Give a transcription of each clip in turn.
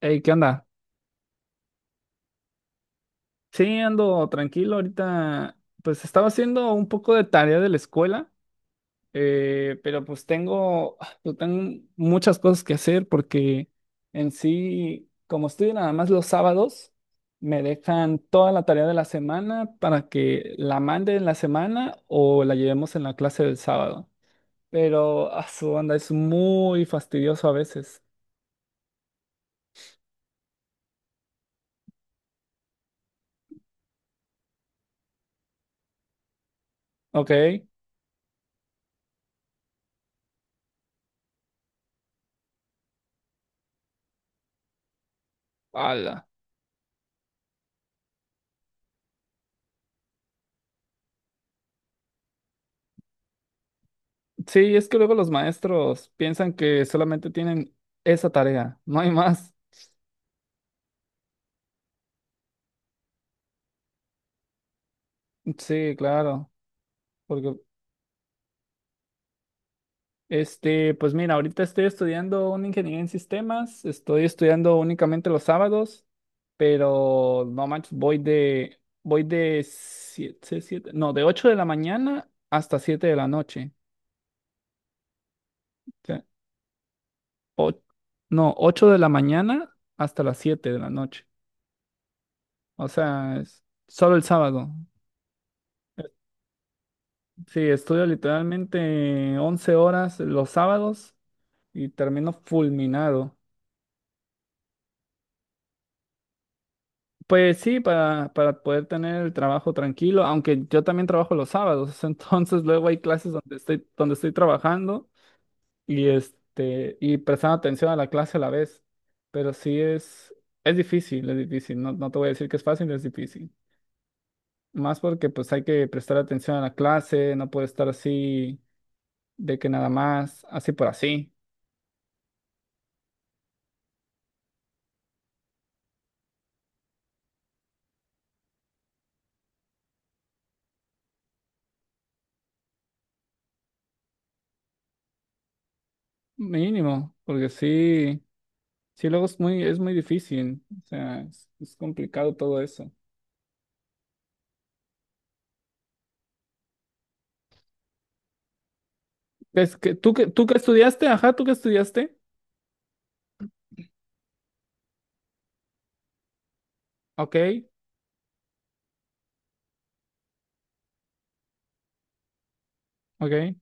Hey, ¿qué onda? Sí, ando tranquilo ahorita. Pues estaba haciendo un poco de tarea de la escuela, pero pues tengo, pues, tengo muchas cosas que hacer porque en sí, como estudio nada más los sábados, me dejan toda la tarea de la semana para que la mande en la semana o la llevemos en la clase del sábado. Pero a su onda es muy fastidioso a veces. Ok. Ala. Sí, es que luego los maestros piensan que solamente tienen esa tarea, no hay más. Sí, claro, porque este, pues mira, ahorita estoy estudiando una ingeniería en sistemas, estoy estudiando únicamente los sábados, pero no manches, voy de siete, siete- no, de 8 de la mañana hasta 7 de la noche. O sea, o- no, 8 de la mañana hasta las 7 de la noche. O sea, es solo el sábado. Sí, estudio literalmente 11 horas los sábados y termino fulminado. Pues sí, para poder tener el trabajo tranquilo, aunque yo también trabajo los sábados, entonces luego hay clases donde estoy trabajando y, este, y prestando atención a la clase a la vez. Pero sí es difícil, no, no te voy a decir que es fácil, es difícil. Más porque pues hay que prestar atención a la clase, no puede estar así de que nada más, así por así. Mínimo, porque sí, sí luego es muy difícil, o sea, es complicado todo eso. Es que, ¿tú que estudiaste? Ajá, ¿tú que estudiaste? Ok, ok,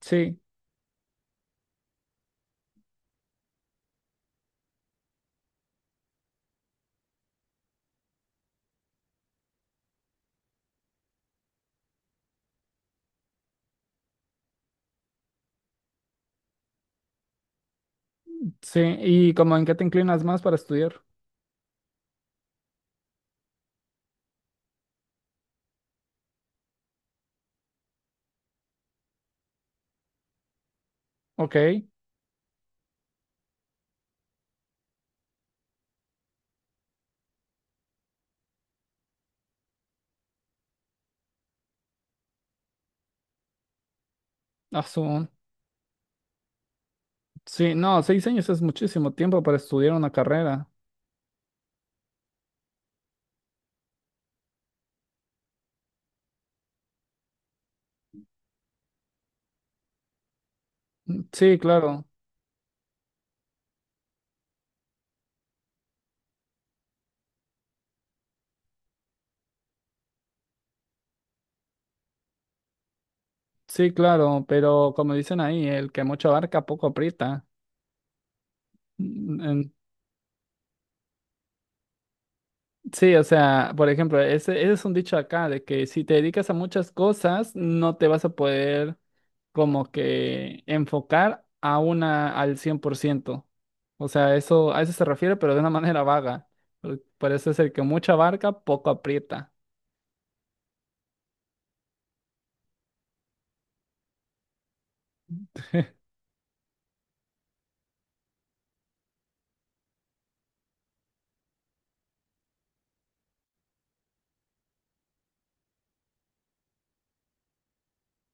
sí, sí, ¿y como en qué te inclinas más para estudiar? Ok, azul. Sí, no, 6 años es muchísimo tiempo para estudiar una carrera. Sí, claro, sí, claro, pero como dicen ahí, el que mucho abarca, poco aprieta. Mm. Sí, o sea, por ejemplo, ese es un dicho acá de que si te dedicas a muchas cosas, no te vas a poder como que enfocar a una al 100%. O sea, eso a eso se refiere, pero de una manera vaga. Por eso es el que mucha barca, poco aprieta.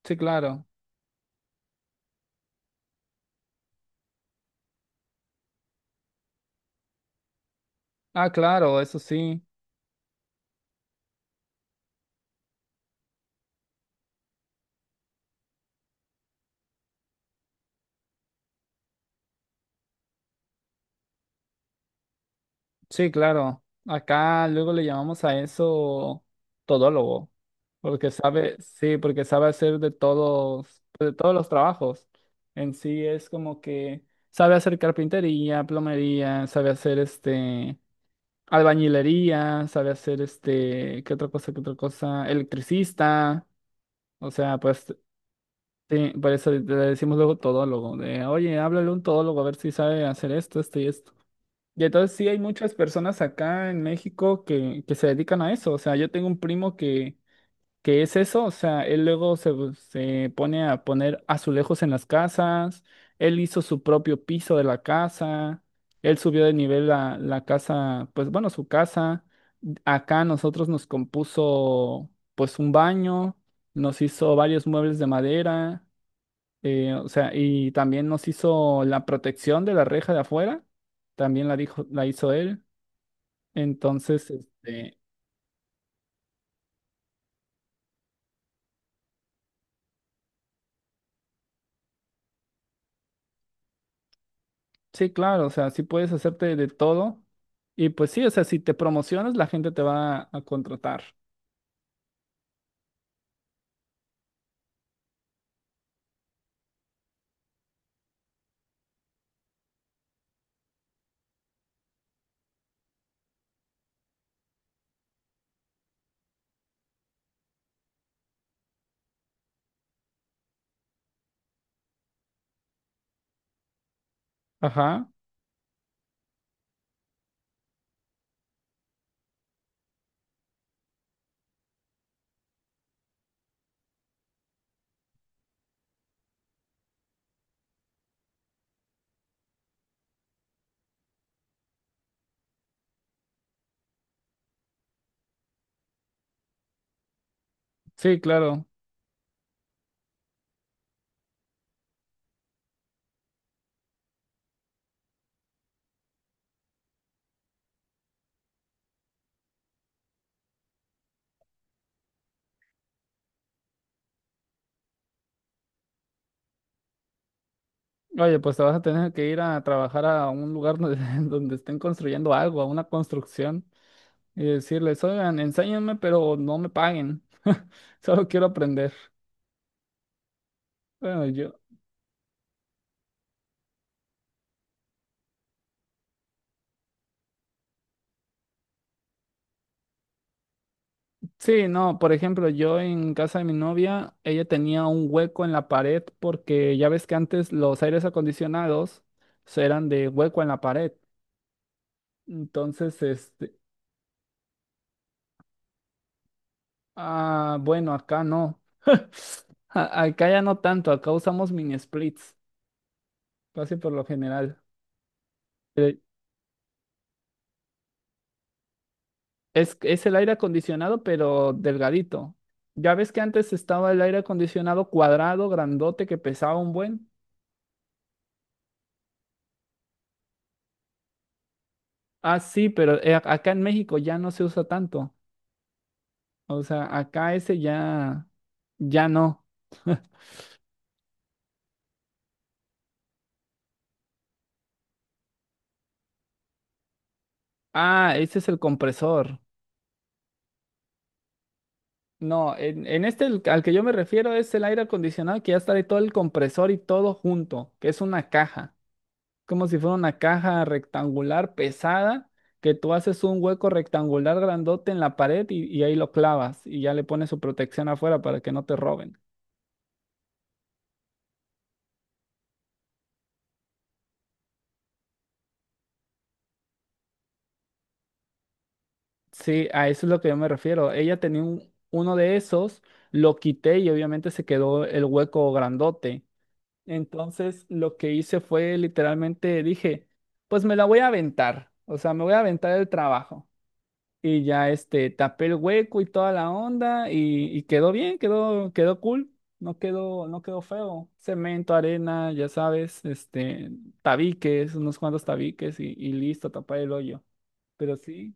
Sí, claro. Ah, claro, eso sí. Sí, claro. Acá luego le llamamos a eso todólogo, porque sabe, sí, porque sabe hacer de todos los trabajos. En sí es como que sabe hacer carpintería, plomería, sabe hacer este albañilería, sabe hacer este, ¿qué otra cosa, qué otra cosa? Electricista. O sea, pues sí, por eso le decimos luego todólogo, de, oye, háblale a un todólogo a ver si sabe hacer esto, esto y esto. Y entonces sí hay muchas personas acá en México que, se dedican a eso. O sea, yo tengo un primo que, es eso. O sea, él luego se pone a poner azulejos en las casas. Él hizo su propio piso de la casa. Él subió de nivel la casa, pues bueno, su casa. Acá nosotros nos compuso pues un baño. Nos hizo varios muebles de madera. O sea, y también nos hizo la protección de la reja de afuera, también la dijo, la hizo él. Entonces, este, sí, claro, o sea, sí puedes hacerte de todo. Y pues sí, o sea, si te promocionas, la gente te va a contratar. Ajá, sí, claro. Oye, pues te vas a tener que ir a trabajar a un lugar donde, donde estén construyendo algo, a una construcción, y decirles, oigan, enséñenme, pero no me paguen. Solo quiero aprender. Bueno, yo. Sí, no, por ejemplo, yo en casa de mi novia, ella tenía un hueco en la pared porque ya ves que antes los aires acondicionados se eran de hueco en la pared. Entonces, este, ah, bueno, acá no. Acá ya no tanto, acá usamos mini splits, casi por lo general. Eh, es el aire acondicionado, pero delgadito. Ya ves que antes estaba el aire acondicionado cuadrado, grandote, que pesaba un buen. Ah, sí, pero acá en México ya no se usa tanto. O sea, acá ese ya, ya no. Ah, ese es el compresor. No, en este el- al que yo me refiero es el aire acondicionado que ya está de todo el compresor y todo junto, que es una caja, como si fuera una caja rectangular pesada, que tú haces un hueco rectangular grandote en la pared y, ahí lo clavas y ya le pones su protección afuera para que no te roben. Sí, a eso es lo que yo me refiero. Ella tenía un- uno de esos, lo quité y obviamente se quedó el hueco grandote. Entonces, lo que hice fue literalmente dije, pues me la voy a aventar, o sea, me voy a aventar el trabajo. Y ya este, tapé el hueco y toda la onda y, quedó bien, quedó, quedó cool, no quedó, no quedó feo. Cemento, arena, ya sabes, este, tabiques, unos cuantos tabiques y listo, tapar el hoyo. Pero sí,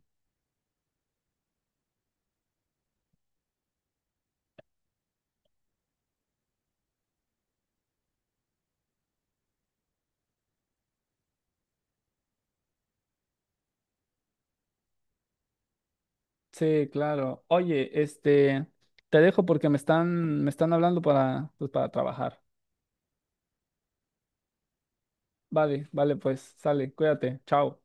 sí, claro. Oye, este, te dejo porque me están hablando para, pues, para trabajar. Vale, vale, pues sale, cuídate, chao.